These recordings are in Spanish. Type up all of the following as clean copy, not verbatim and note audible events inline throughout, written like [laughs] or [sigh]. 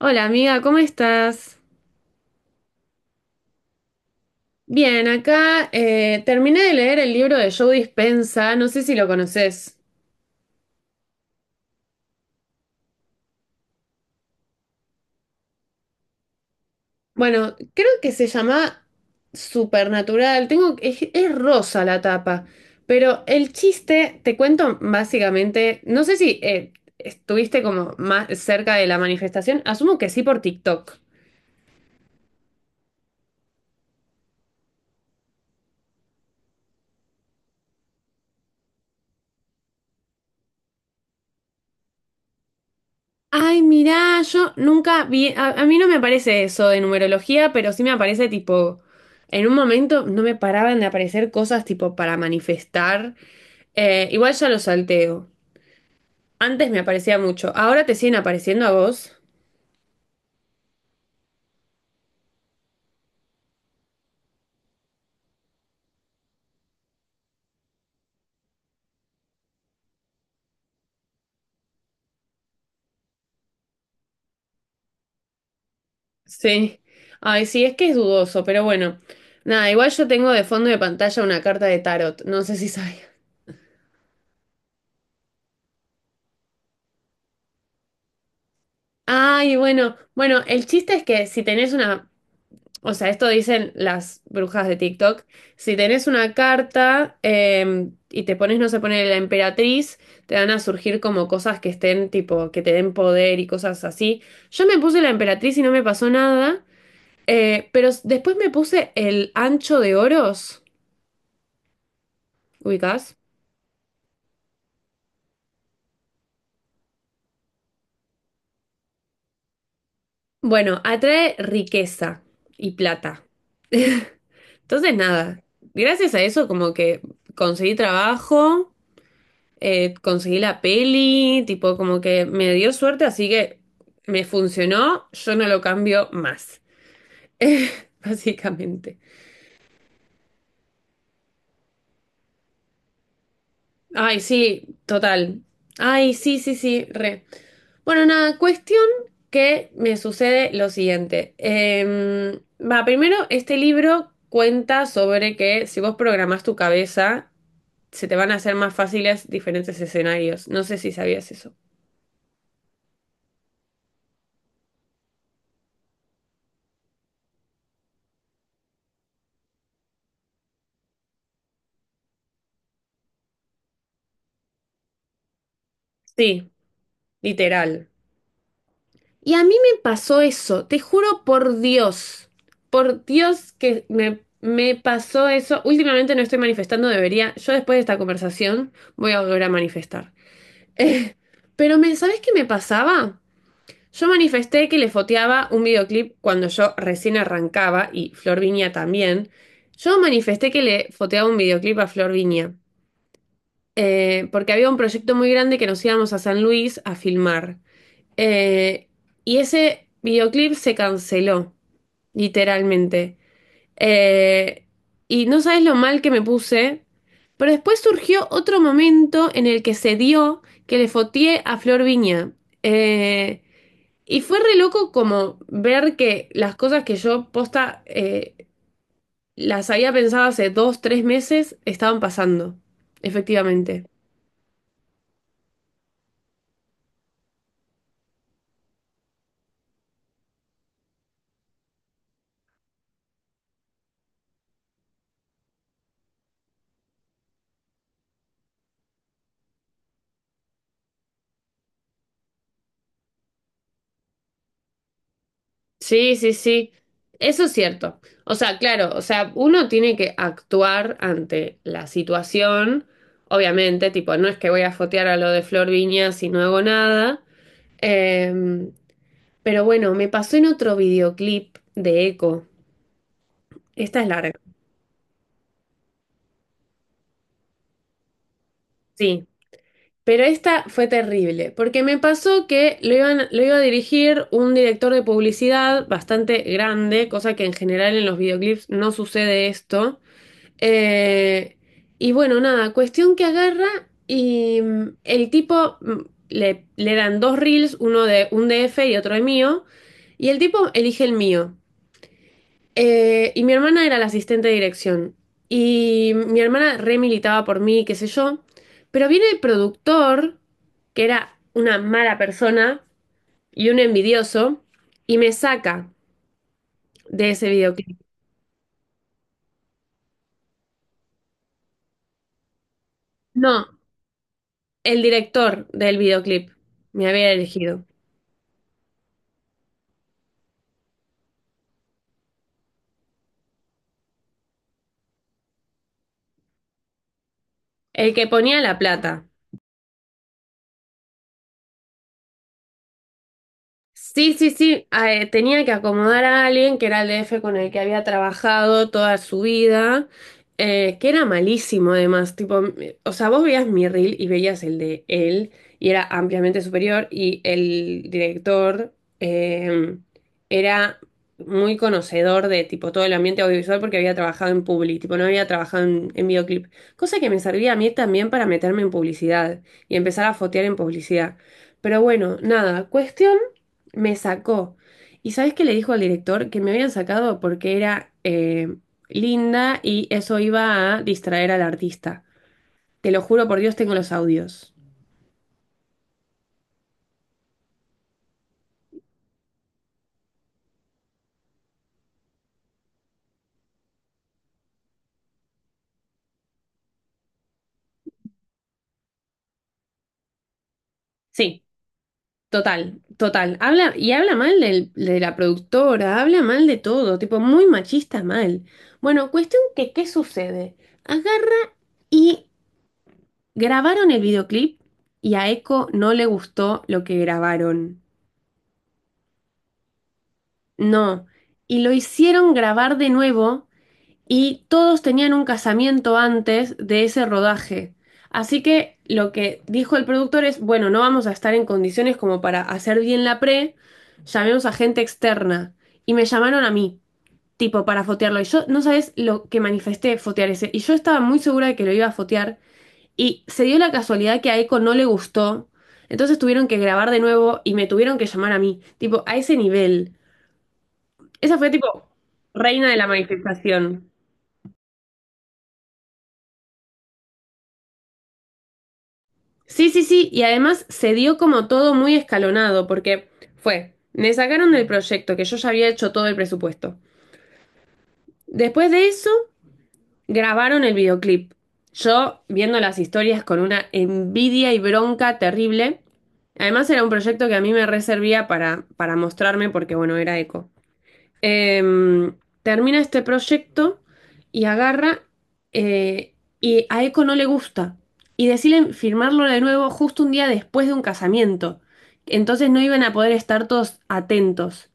Hola amiga, ¿cómo estás? Bien, acá terminé de leer el libro de Joe Dispensa, no sé si lo conoces. Bueno, creo que se llama Supernatural, tengo, es rosa la tapa, pero el chiste, te cuento básicamente, no sé si, estuviste como más cerca de la manifestación, asumo que sí por TikTok. Ay, mirá, yo nunca vi, a mí no me aparece eso de numerología, pero sí me aparece tipo, en un momento no me paraban de aparecer cosas tipo para manifestar. Igual ya lo salteo. Antes me aparecía mucho, ahora te siguen apareciendo a vos. Sí. Ay, sí, es que es dudoso, pero bueno. Nada, igual yo tengo de fondo de pantalla una carta de tarot, no sé si sabía. Ay, bueno, bueno, el chiste es que si tenés una. O sea, esto dicen las brujas de TikTok. Si tenés una carta y te pones, no, se pone la emperatriz, te van a surgir como cosas que estén, tipo, que te den poder y cosas así. Yo me puse la emperatriz y no me pasó nada, pero después me puse el ancho de oros, ubicás. Bueno, atrae riqueza y plata. Entonces, nada, gracias a eso como que conseguí trabajo. Conseguí la peli, tipo como que me dio suerte, así que me funcionó, yo no lo cambio más, [laughs] básicamente. Ay, sí, total. Ay, sí, sí, sí, re. Bueno, nada, cuestión que me sucede lo siguiente. Primero, este libro cuenta sobre que si vos programás tu cabeza, se te van a hacer más fáciles diferentes escenarios. No sé si sabías eso. Sí, literal. Y a mí me pasó eso, te juro por Dios que me pasó eso. Últimamente no estoy manifestando, debería, yo después de esta conversación voy a volver a manifestar. [laughs] Eh, pero me, ¿sabes qué me pasaba? Yo manifesté que le foteaba un videoclip cuando yo recién arrancaba y Flor Viña también. Yo manifesté que le foteaba un videoclip a Flor Viña, porque había un proyecto muy grande que nos íbamos a San Luis a filmar. Eh, y ese videoclip se canceló, literalmente. Eh, y no sabes lo mal que me puse, pero después surgió otro momento en el que se dio que le fotié a Flor Viña. Eh, y fue re loco como ver que las cosas que yo posta las había pensado hace dos, tres meses estaban pasando, efectivamente. Sí, sí, sí. Eso es cierto. O sea, claro, o sea, uno tiene que actuar ante la situación, obviamente, tipo, no es que voy a fotear a lo de Flor Viña si no hago nada. Em, pero bueno, me pasó en otro videoclip de Eco. Esta es larga, sí. Pero esta fue terrible, porque me pasó que lo iban, lo iba a dirigir un director de publicidad bastante grande, cosa que en general en los videoclips no sucede esto. Eh, y bueno, nada, cuestión que agarra y el tipo le dan dos reels, uno de un DF y otro de mío, y el tipo elige el mío. Y mi hermana era la asistente de dirección. Y mi hermana re militaba por mí, qué sé yo. Pero viene el productor, que era una mala persona y un envidioso, y me saca de ese videoclip. No, el director del videoclip me había elegido. El que ponía la plata. Sí, sí, sí, ah, tenía que acomodar a alguien que era el DF con el que había trabajado toda su vida, que era malísimo además, tipo, o sea, vos veías mi reel y veías el de él y era ampliamente superior y el director eh, era muy conocedor de tipo todo el ambiente audiovisual porque había trabajado en publi, tipo no había trabajado en videoclip, cosa que me servía a mí también para meterme en publicidad y empezar a fotear en publicidad. Pero bueno, nada, cuestión. Me sacó. ¿Y sabes qué le dijo al director? Que me habían sacado porque era linda y eso iba a distraer al artista. Te lo juro por Dios, tengo los audios. Sí, total, total. Habla, y habla mal del, de la productora, habla mal de todo, tipo muy machista mal. Bueno, cuestión que, ¿qué sucede? Agarra y grabaron el videoclip y a Eco no le gustó lo que grabaron. No. Y lo hicieron grabar de nuevo. Y todos tenían un casamiento antes de ese rodaje. Así que lo que dijo el productor es, bueno, no vamos a estar en condiciones como para hacer bien la pre, llamemos a gente externa. Y me llamaron a mí, tipo, para fotearlo. Y yo, no sabes lo que manifesté fotear ese. Y yo estaba muy segura de que lo iba a fotear. Y se dio la casualidad que a Eco no le gustó. Entonces tuvieron que grabar de nuevo y me tuvieron que llamar a mí. Tipo, a ese nivel. Esa fue tipo reina de la manifestación. Sí, sí, sí, y además se dio como todo muy escalonado, porque fue, me sacaron del proyecto, que yo ya había hecho todo el presupuesto. Después de eso, grabaron el videoclip. Yo viendo las historias con una envidia y bronca terrible. Además era un proyecto que a mí me reservía para mostrarme porque, bueno, era eco. Em, Termina este proyecto y agarra eh, y a Eco no le gusta y deciden firmarlo de nuevo justo un día después de un casamiento. Entonces no iban a poder estar todos atentos.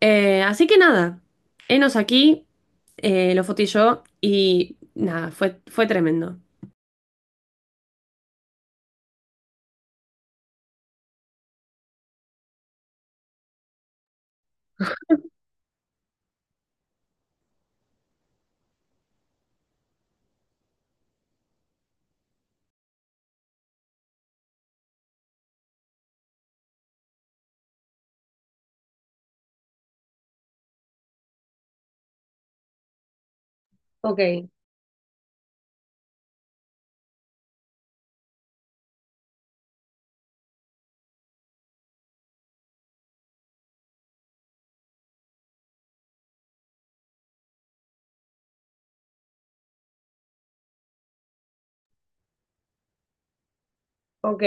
Así que nada, enos aquí, lo fotí yo y nada, fue, fue tremendo. Ok, ok,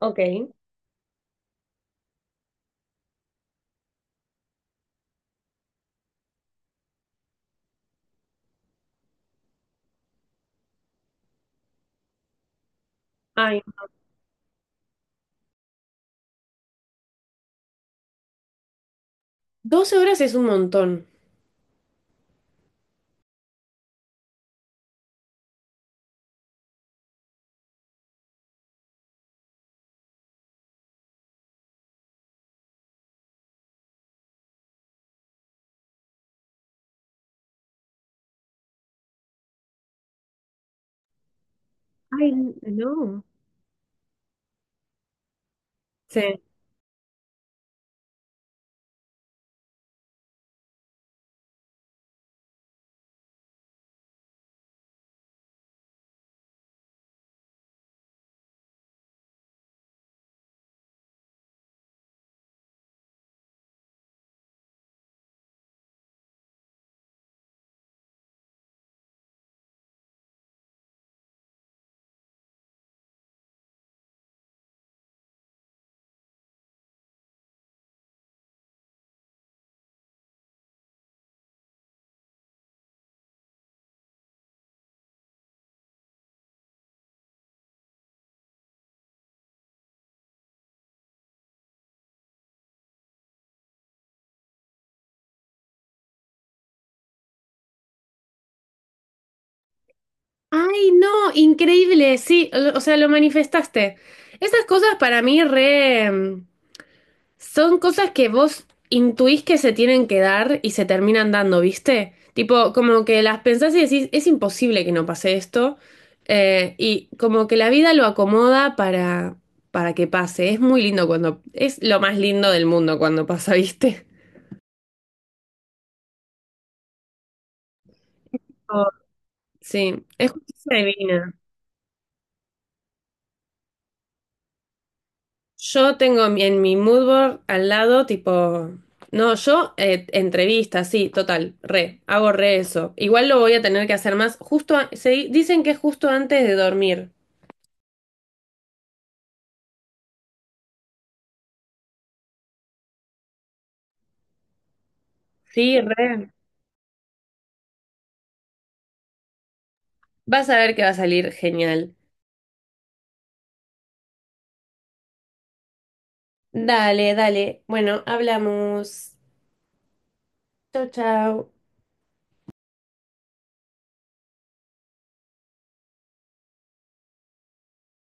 ok. Ay, 12 horas es un montón. Ay, no. Sí. Ay, no, increíble, sí, lo, o sea, lo manifestaste. Esas cosas para mí re son cosas que vos intuís que se tienen que dar y se terminan dando, ¿viste? Tipo, como que las pensás y decís, es imposible que no pase esto. Y como que la vida lo acomoda para que pase. Es muy lindo cuando, es lo más lindo del mundo cuando pasa, [laughs] ¿viste? Oh, sí, es justicia divina. Yo tengo mi, en mi mood board al lado, tipo, no, yo entrevista, sí, total, re, hago re eso. Igual lo voy a tener que hacer más, justo, dicen que es justo antes de dormir. Sí, re. Vas a ver que va a salir genial. Dale, dale. Bueno, hablamos. Chau, chau.